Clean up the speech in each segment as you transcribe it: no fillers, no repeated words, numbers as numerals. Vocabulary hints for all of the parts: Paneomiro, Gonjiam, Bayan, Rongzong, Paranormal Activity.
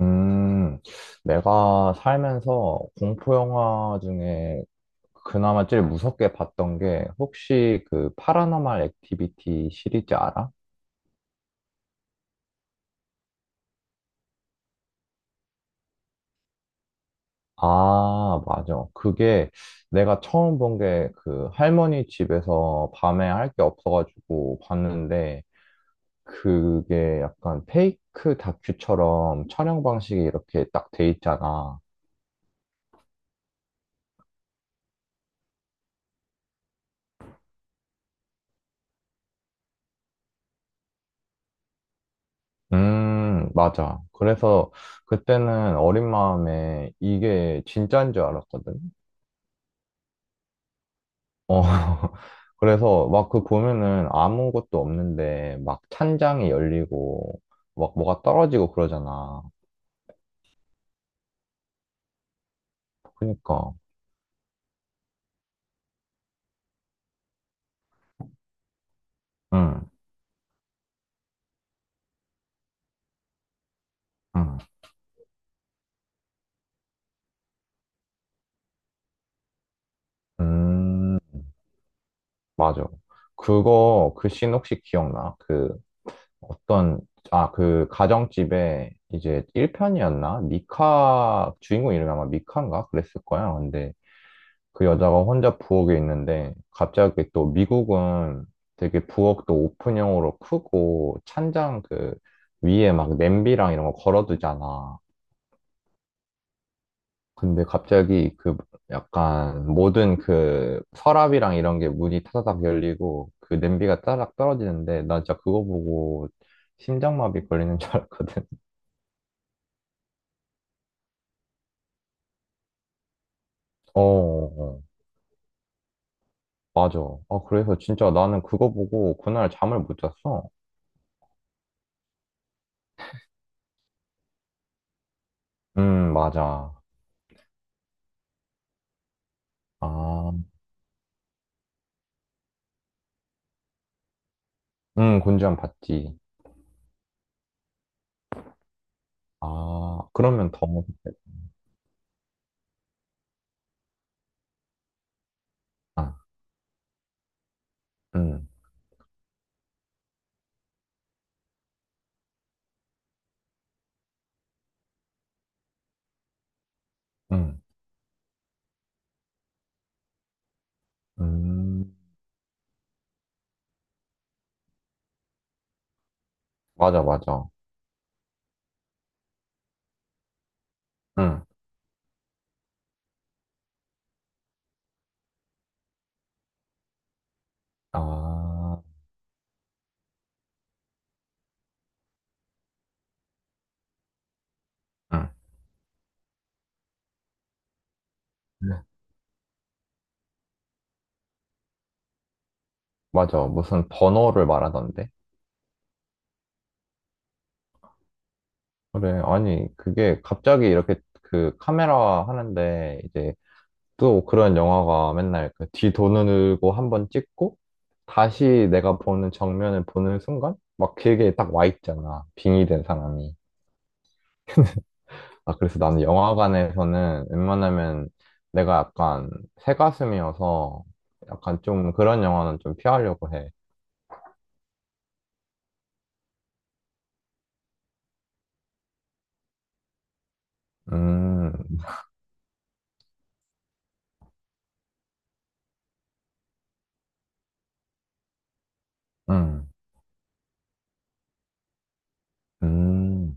음, 내가 살면서 공포 영화 중에 그나마 제일 무섭게 봤던 게 혹시 그 파라노말 액티비티 시리즈 알아? 아, 맞아. 그게 내가 처음 본 게 그 할머니 집에서 밤에 할 게 없어가지고 봤는데 그게 약간 페이크 다큐처럼 촬영 방식이 이렇게 딱 돼 있잖아. 맞아. 그래서 그때는 어린 마음에 이게 진짜인 줄 알았거든. 어. 그래서 막 그 보면은 아무것도 없는데 막 찬장이 열리고 막 뭐가 떨어지고 그러잖아. 그니까. 응, 응. 음, 맞아. 그 씬 혹시 기억나? 어떤, 아, 그 가정집에 이제 1편이었나? 미카, 주인공 이름이 아마 미카인가? 그랬을 거야. 근데 그 여자가 혼자 부엌에 있는데 갑자기 또 미국은 되게 부엌도 오픈형으로 크고 찬장 그 위에 막 냄비랑 이런 거 걸어두잖아. 근데 갑자기 그 약간 모든 그 서랍이랑 이런 게 문이 타다닥 열리고 그 냄비가 따닥 떨어지는데 나 진짜 그거 보고 심장마비 걸리는 줄 알았거든. 어, 어, 맞아. 아, 그래서 진짜 나는 그거 보고 그날 잠을 못 잤어. 맞아. 아. 응, 곤지암 봤지. 아, 그러면 더, 아, 응, 응, 음, 맞아, 맞아. 응, 아, 응, 맞아. 무슨 번호를 말하던데? 그래, 아니, 그게 갑자기 이렇게 그 카메라 하는데 이제 또 그런 영화가 맨날 그 뒤도누르고 한번 찍고 다시 내가 보는 정면을 보는 순간 막 길게 딱 와 있잖아. 빙의된 사람이. 아, 그래서 나는 영화관에서는 웬만하면 내가 약간 새가슴이어서 약간 좀 그런 영화는 좀 피하려고 해. 음, 음, 음,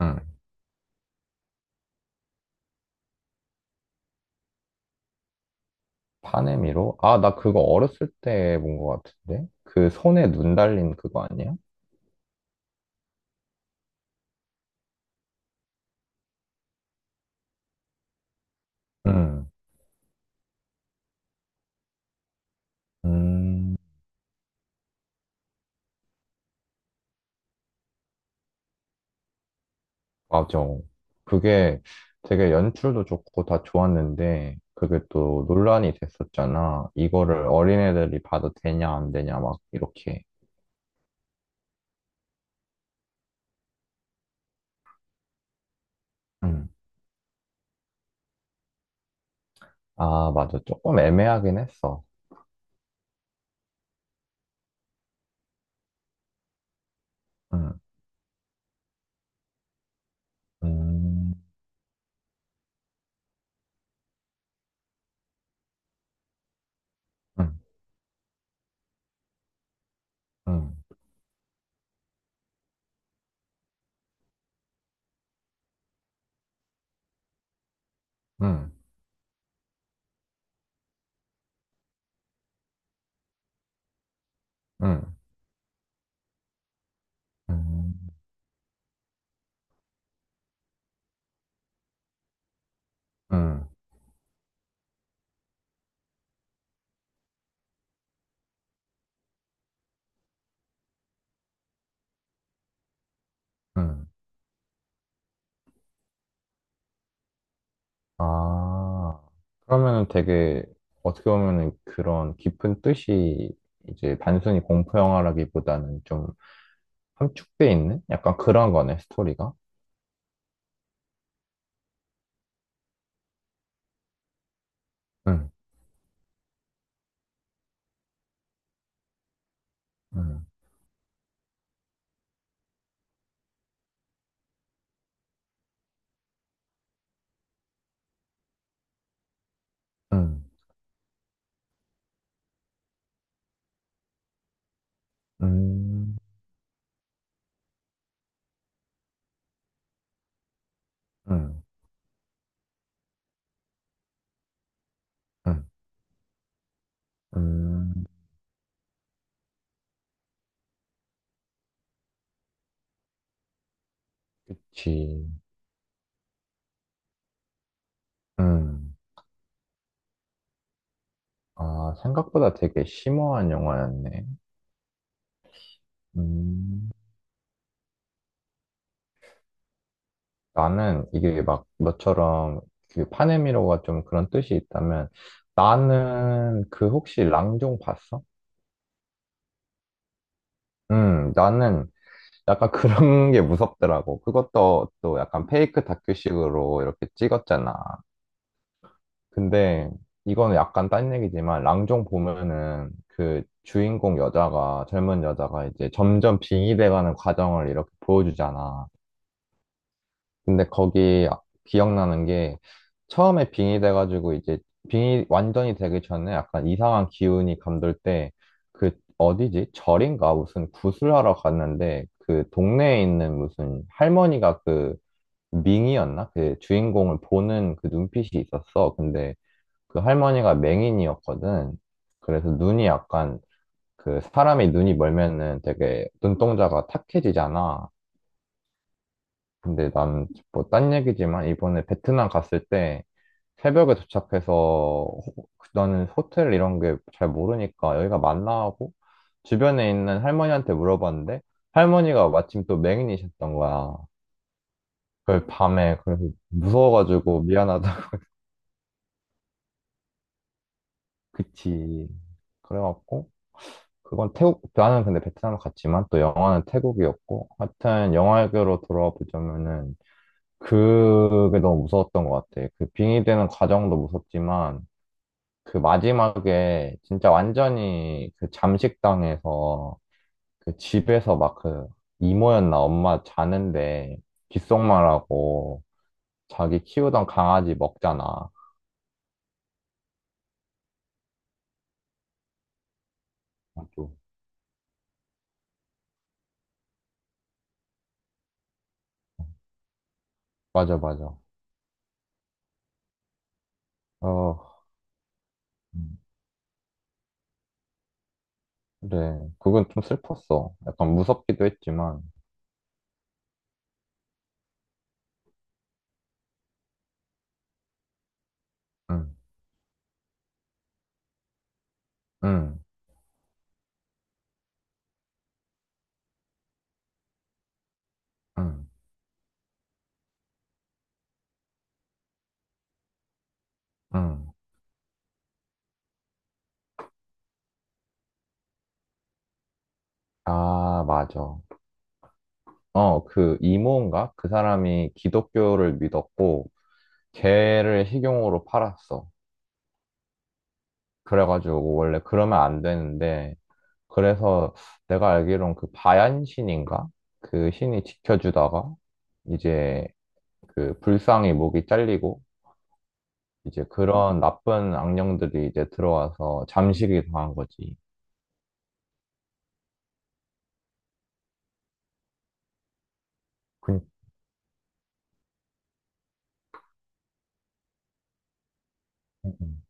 음. 파네미로? 아, 나 그거 어렸을 때 본 것 같은데? 그 손에 눈 달린 그거 아니야? 음, 음, 맞아. 그게 되게 연출도 좋고 다 좋았는데, 그게 또 논란이 됐었잖아. 이거를 어린애들이 봐도 되냐, 안 되냐, 막 이렇게. 아, 맞아. 조금 애매하긴 했어. 응, 음, 응, 응, 응, 응, 음, 응, 응. 아, 그러면은 되게, 어떻게 보면은 그런 깊은 뜻이 이제 단순히 공포 영화라기보다는 좀 함축돼 있는? 약간 그런 거네, 스토리가. 응, 응, 응, 응, 응, 응, 응, 그치. 응. 아, 생각보다 되게 심오한 영화였네. 음. 나는 이게 막 너처럼 그 파네미로가 좀 그런 뜻이 있다면 나는 그 혹시 랑종 봤어? 나는 약간 그런 게 무섭더라고. 그것도 또 약간 페이크 다큐식으로 이렇게 찍었잖아. 근데 이거는 약간 딴 얘기지만 랑종 보면은 그 주인공 여자가 젊은 여자가 이제 점점 빙의돼가는 과정을 이렇게 보여주잖아. 근데 거기 기억나는 게 처음에 빙이 돼가지고 이제 빙이 완전히 되기 전에 약간 이상한 기운이 감돌 때 그 어디지? 절인가? 무슨 구슬하러 갔는데 그 동네에 있는 무슨 할머니가 그 밍이었나? 그 주인공을 보는 그 눈빛이 있었어. 근데 그 할머니가 맹인이었거든. 그래서 눈이 약간 그 사람이 눈이 멀면은 되게 눈동자가 탁해지잖아. 근데 난 뭐 딴 얘기지만 이번에 베트남 갔을 때 새벽에 도착해서 호- 나는 호텔 이런 게 잘 모르니까 여기가 맞나 하고 주변에 있는 할머니한테 물어봤는데 할머니가 마침 또 맹인이셨던 거야. 그걸 밤에 그래서 무서워가지고 미안하다. 그치. 그래갖고 그건 태국 나는 근데 베트남을 갔지만 또 영화는 태국이었고 하여튼 영화계로 돌아와 보자면은 그게 너무 무서웠던 것 같아. 그 빙의되는 과정도 무섭지만 그 마지막에 진짜 완전히 그 잠식당에서 그 집에서 막 그 이모였나 엄마 자는데 귓속말하고 자기 키우던 강아지 먹잖아. 맞아. 맞아, 맞아. 어, 음, 그래. 그건 좀 슬펐어. 약간 무섭기도 했지만. 응, 응, 응, 응. 아, 맞아. 어, 그 이모인가? 그 사람이 기독교를 믿었고, 개를 식용으로 팔았어. 그래가지고 원래 그러면 안 되는데 그래서 내가 알기론 그 바얀 신인가? 그 신이 지켜주다가 이제 그 불쌍히 목이 잘리고 이제 그런 나쁜 악령들이 이제 들어와서 잠식이 당한 거지. 그, 음,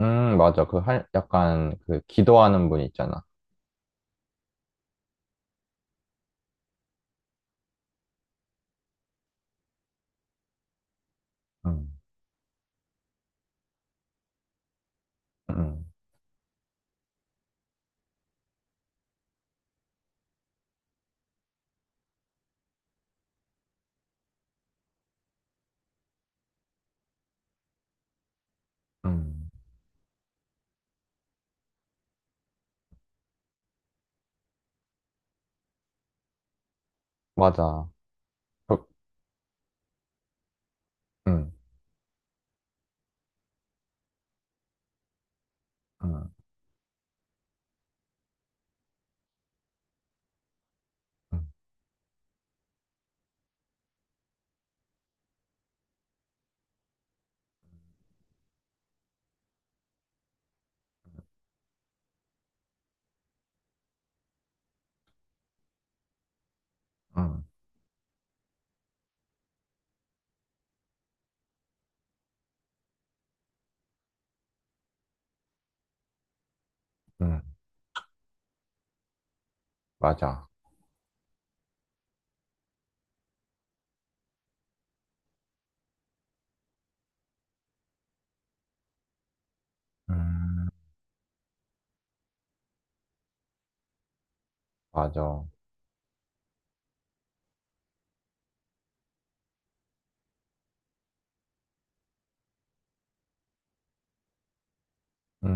맞아. 그 할, 약간 그 기도하는 분 있잖아. 음, 음, 음, 맞아. 그- 음, 음, 음, 음, 음, 맞아. 음. 맞아. 음,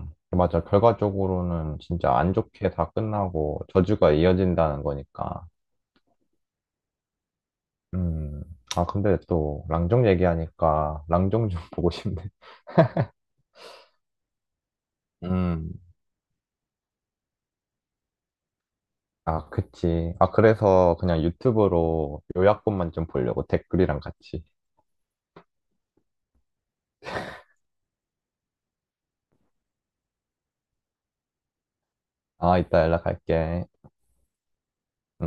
맞아. 결과적으로는 진짜 안 좋게 다 끝나고 저주가 이어진다는 거니까. 음, 아, 근데 또 랑종 얘기하니까 랑종 좀 보고 싶네. 음, 아, 그치. 아, 그래서 그냥 유튜브로 요약본만 좀 보려고 댓글이랑 같이. 아, 이따 연락할게.